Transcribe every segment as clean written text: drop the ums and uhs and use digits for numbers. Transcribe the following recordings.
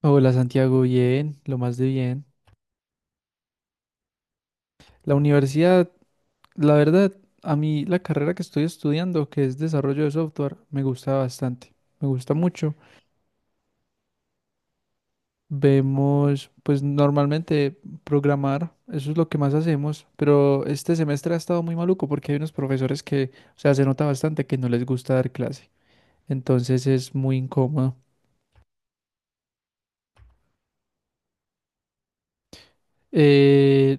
Hola Santiago, bien, lo más de bien. La universidad, la verdad, a mí la carrera que estoy estudiando, que es desarrollo de software, me gusta bastante, me gusta mucho. Vemos, pues normalmente programar, eso es lo que más hacemos, pero este semestre ha estado muy maluco porque hay unos profesores que, o sea, se nota bastante que no les gusta dar clase, entonces es muy incómodo. Eh,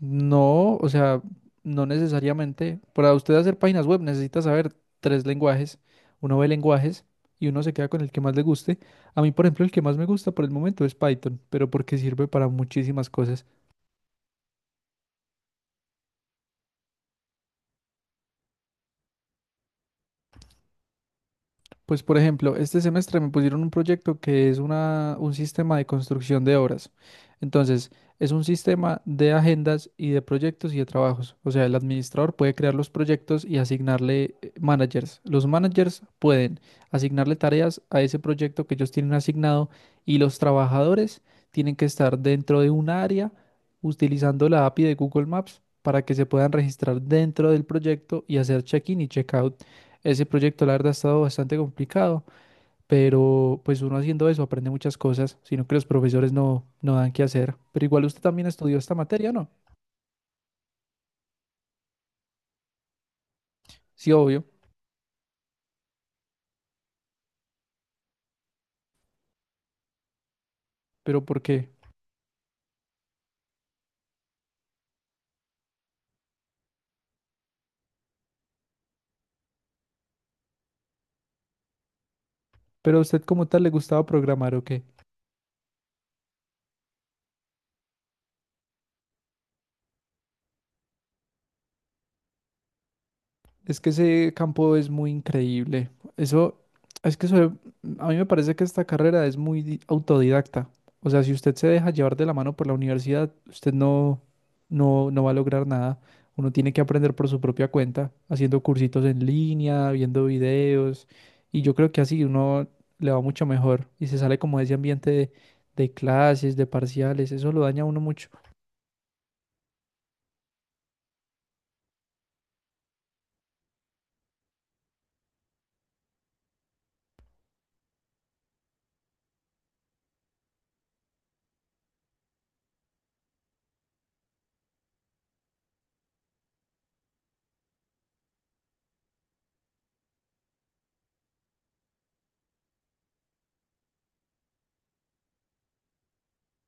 no, o sea, no necesariamente. Para usted hacer páginas web necesita saber tres lenguajes. Uno ve lenguajes y uno se queda con el que más le guste. A mí, por ejemplo, el que más me gusta por el momento es Python, pero porque sirve para muchísimas cosas. Pues por ejemplo, este semestre me pusieron un proyecto que es un sistema de construcción de obras. Entonces, es un sistema de agendas y de proyectos y de trabajos. O sea, el administrador puede crear los proyectos y asignarle managers. Los managers pueden asignarle tareas a ese proyecto que ellos tienen asignado y los trabajadores tienen que estar dentro de un área utilizando la API de Google Maps para que se puedan registrar dentro del proyecto y hacer check-in y check-out. Ese proyecto, la verdad, ha estado bastante complicado, pero pues uno haciendo eso aprende muchas cosas, sino que los profesores no, no dan qué hacer. Pero igual usted también estudió esta materia, ¿no? Sí, obvio, pero ¿por qué? ¿Pero a usted como tal le gustaba programar o qué? Es que ese campo es muy increíble. Eso, es que eso, a mí me parece que esta carrera es muy autodidacta. O sea, si usted se deja llevar de la mano por la universidad, usted no, no va a lograr nada. Uno tiene que aprender por su propia cuenta, haciendo cursitos en línea, viendo videos. Y yo creo que así uno le va mucho mejor y se sale como de ese ambiente de clases, de parciales. Eso lo daña a uno mucho.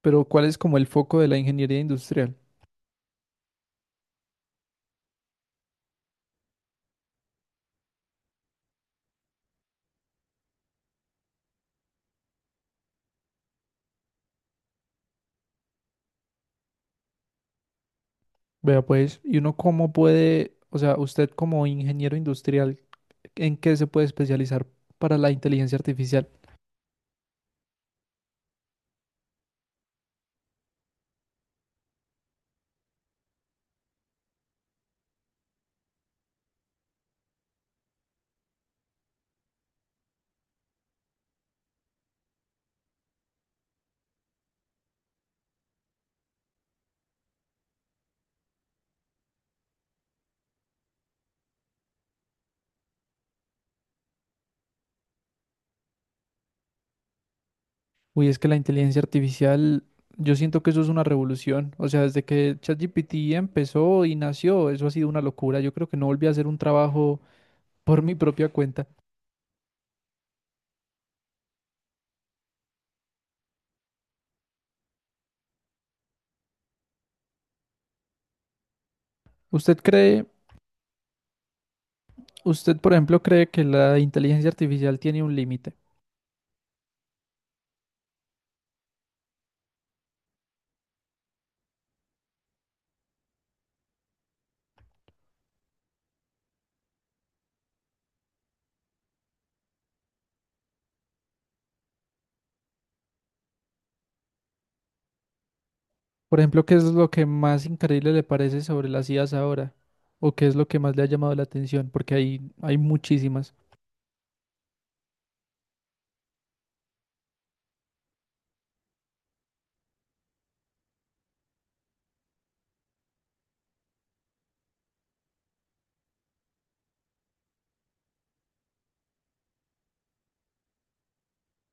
Pero ¿cuál es como el foco de la ingeniería industrial? Vea pues, ¿y uno cómo puede, o sea, usted como ingeniero industrial, ¿en qué se puede especializar para la inteligencia artificial? Uy, es que la inteligencia artificial, yo siento que eso es una revolución. O sea, desde que ChatGPT empezó y nació, eso ha sido una locura. Yo creo que no volví a hacer un trabajo por mi propia cuenta. ¿Usted cree, usted por ejemplo cree que la inteligencia artificial tiene un límite? Por ejemplo, ¿qué es lo que más increíble le parece sobre las IAs ahora? ¿O qué es lo que más le ha llamado la atención? Porque hay muchísimas.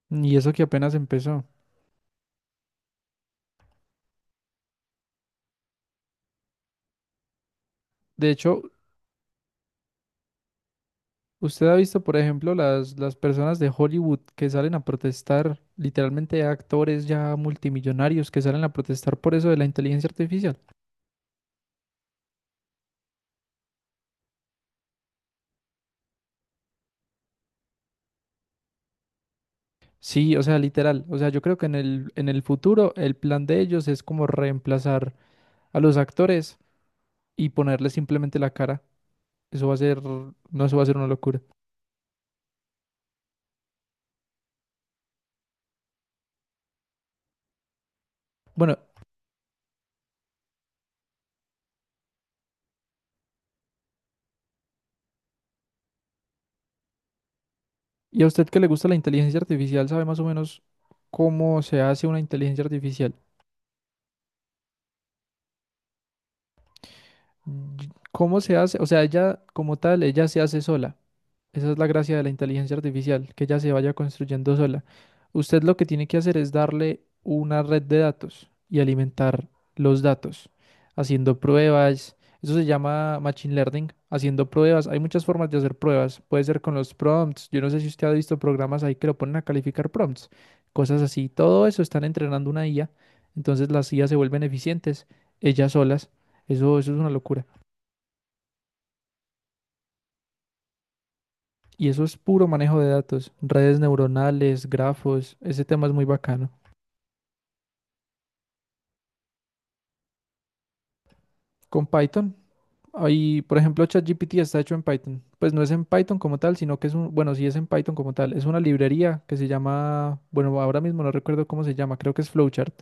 Y eso que apenas empezó. De hecho, usted ha visto, por ejemplo, las personas de Hollywood que salen a protestar, literalmente actores ya multimillonarios que salen a protestar por eso de la inteligencia artificial. Sí, o sea, literal. O sea, yo creo que en el futuro el plan de ellos es como reemplazar a los actores y ponerles simplemente la cara. Eso va a ser, no, eso va a ser una locura. Bueno, ¿y a usted que le gusta la inteligencia artificial, sabe más o menos cómo se hace una inteligencia artificial? ¿Cómo se hace? O sea, ella como tal, ella se hace sola. Esa es la gracia de la inteligencia artificial, que ella se vaya construyendo sola. Usted lo que tiene que hacer es darle una red de datos y alimentar los datos, haciendo pruebas. Eso se llama machine learning, haciendo pruebas. Hay muchas formas de hacer pruebas. Puede ser con los prompts. Yo no sé si usted ha visto programas ahí que lo ponen a calificar prompts, cosas así. Todo eso están entrenando una IA. Entonces las IA se vuelven eficientes, ellas solas. Eso es una locura. Y eso es puro manejo de datos, redes neuronales, grafos, ese tema es muy bacano. Con Python, ahí, por ejemplo, ChatGPT está hecho en Python. Pues no es en Python como tal, sino que es un, bueno, sí es en Python como tal, es una librería que se llama, bueno, ahora mismo no recuerdo cómo se llama, creo que es Flowchart.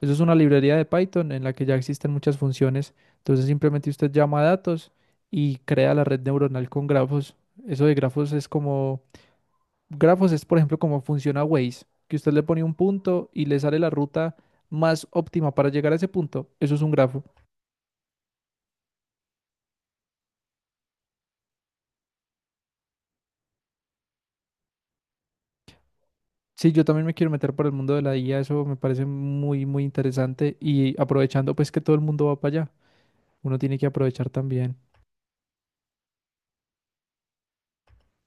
Eso es una librería de Python en la que ya existen muchas funciones. Entonces simplemente usted llama a datos y crea la red neuronal con grafos. Eso de grafos es como Grafos es, por ejemplo, como funciona Waze, que usted le pone un punto y le sale la ruta más óptima para llegar a ese punto. Eso es un grafo. Sí, yo también me quiero meter por el mundo de la IA, eso me parece muy, muy interesante y aprovechando pues que todo el mundo va para allá, uno tiene que aprovechar también.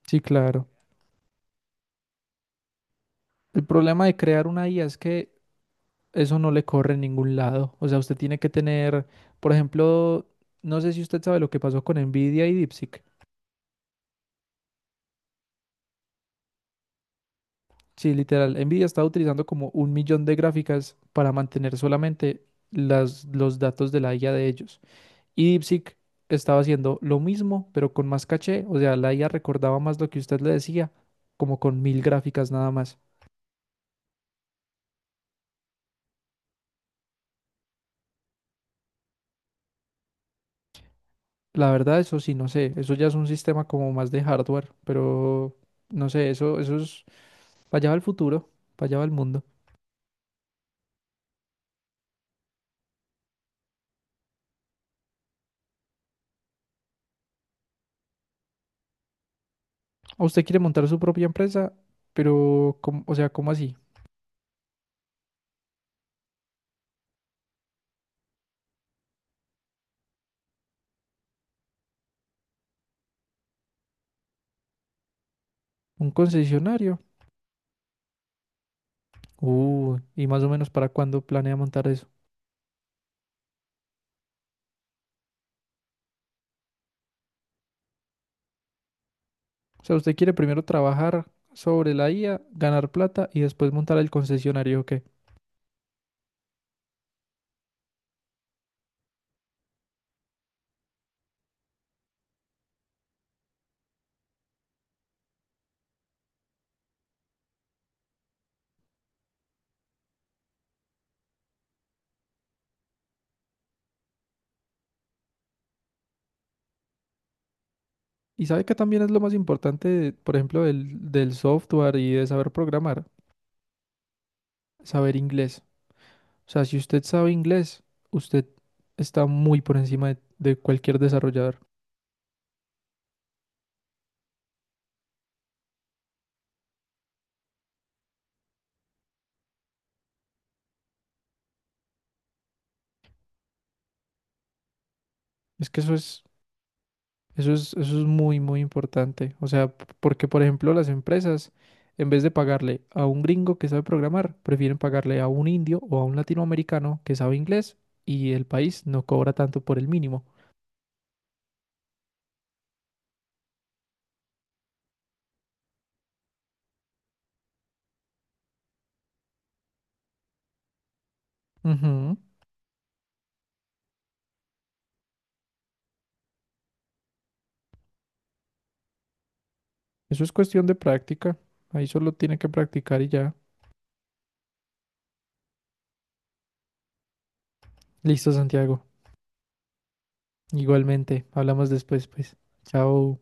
Sí, claro. El problema de crear una IA es que eso no le corre en ningún lado. O sea, usted tiene que tener, por ejemplo, no sé si usted sabe lo que pasó con Nvidia y DeepSeek. Sí, literal. Nvidia está utilizando como un millón de gráficas para mantener solamente las, los datos de la IA de ellos. Y DeepSeek estaba haciendo lo mismo, pero con más caché. O sea, la IA recordaba más lo que usted le decía, como con mil gráficas nada más. La verdad, eso sí, no sé. Eso ya es un sistema como más de hardware, pero no sé, eso es para allá va el futuro, para allá va el mundo. ¿O usted quiere montar su propia empresa? Pero, ¿cómo- o sea, ¿cómo así? ¿Un concesionario? Y más o menos para cuándo planea montar eso. O sea, usted quiere primero trabajar sobre la IA, ganar plata y después montar el concesionario, ¿o qué? Y sabe que también es lo más importante, por ejemplo, del software y de saber programar, saber inglés. O sea, si usted sabe inglés, usted está muy por encima de cualquier desarrollador. Es que eso es Eso es, eso es muy, muy importante. O sea, porque por ejemplo las empresas, en vez de pagarle a un gringo que sabe programar, prefieren pagarle a un indio o a un latinoamericano que sabe inglés y el país no cobra tanto por el mínimo. Ujú. Eso es cuestión de práctica. Ahí solo tiene que practicar y ya. Listo, Santiago. Igualmente, hablamos después, pues. Chao.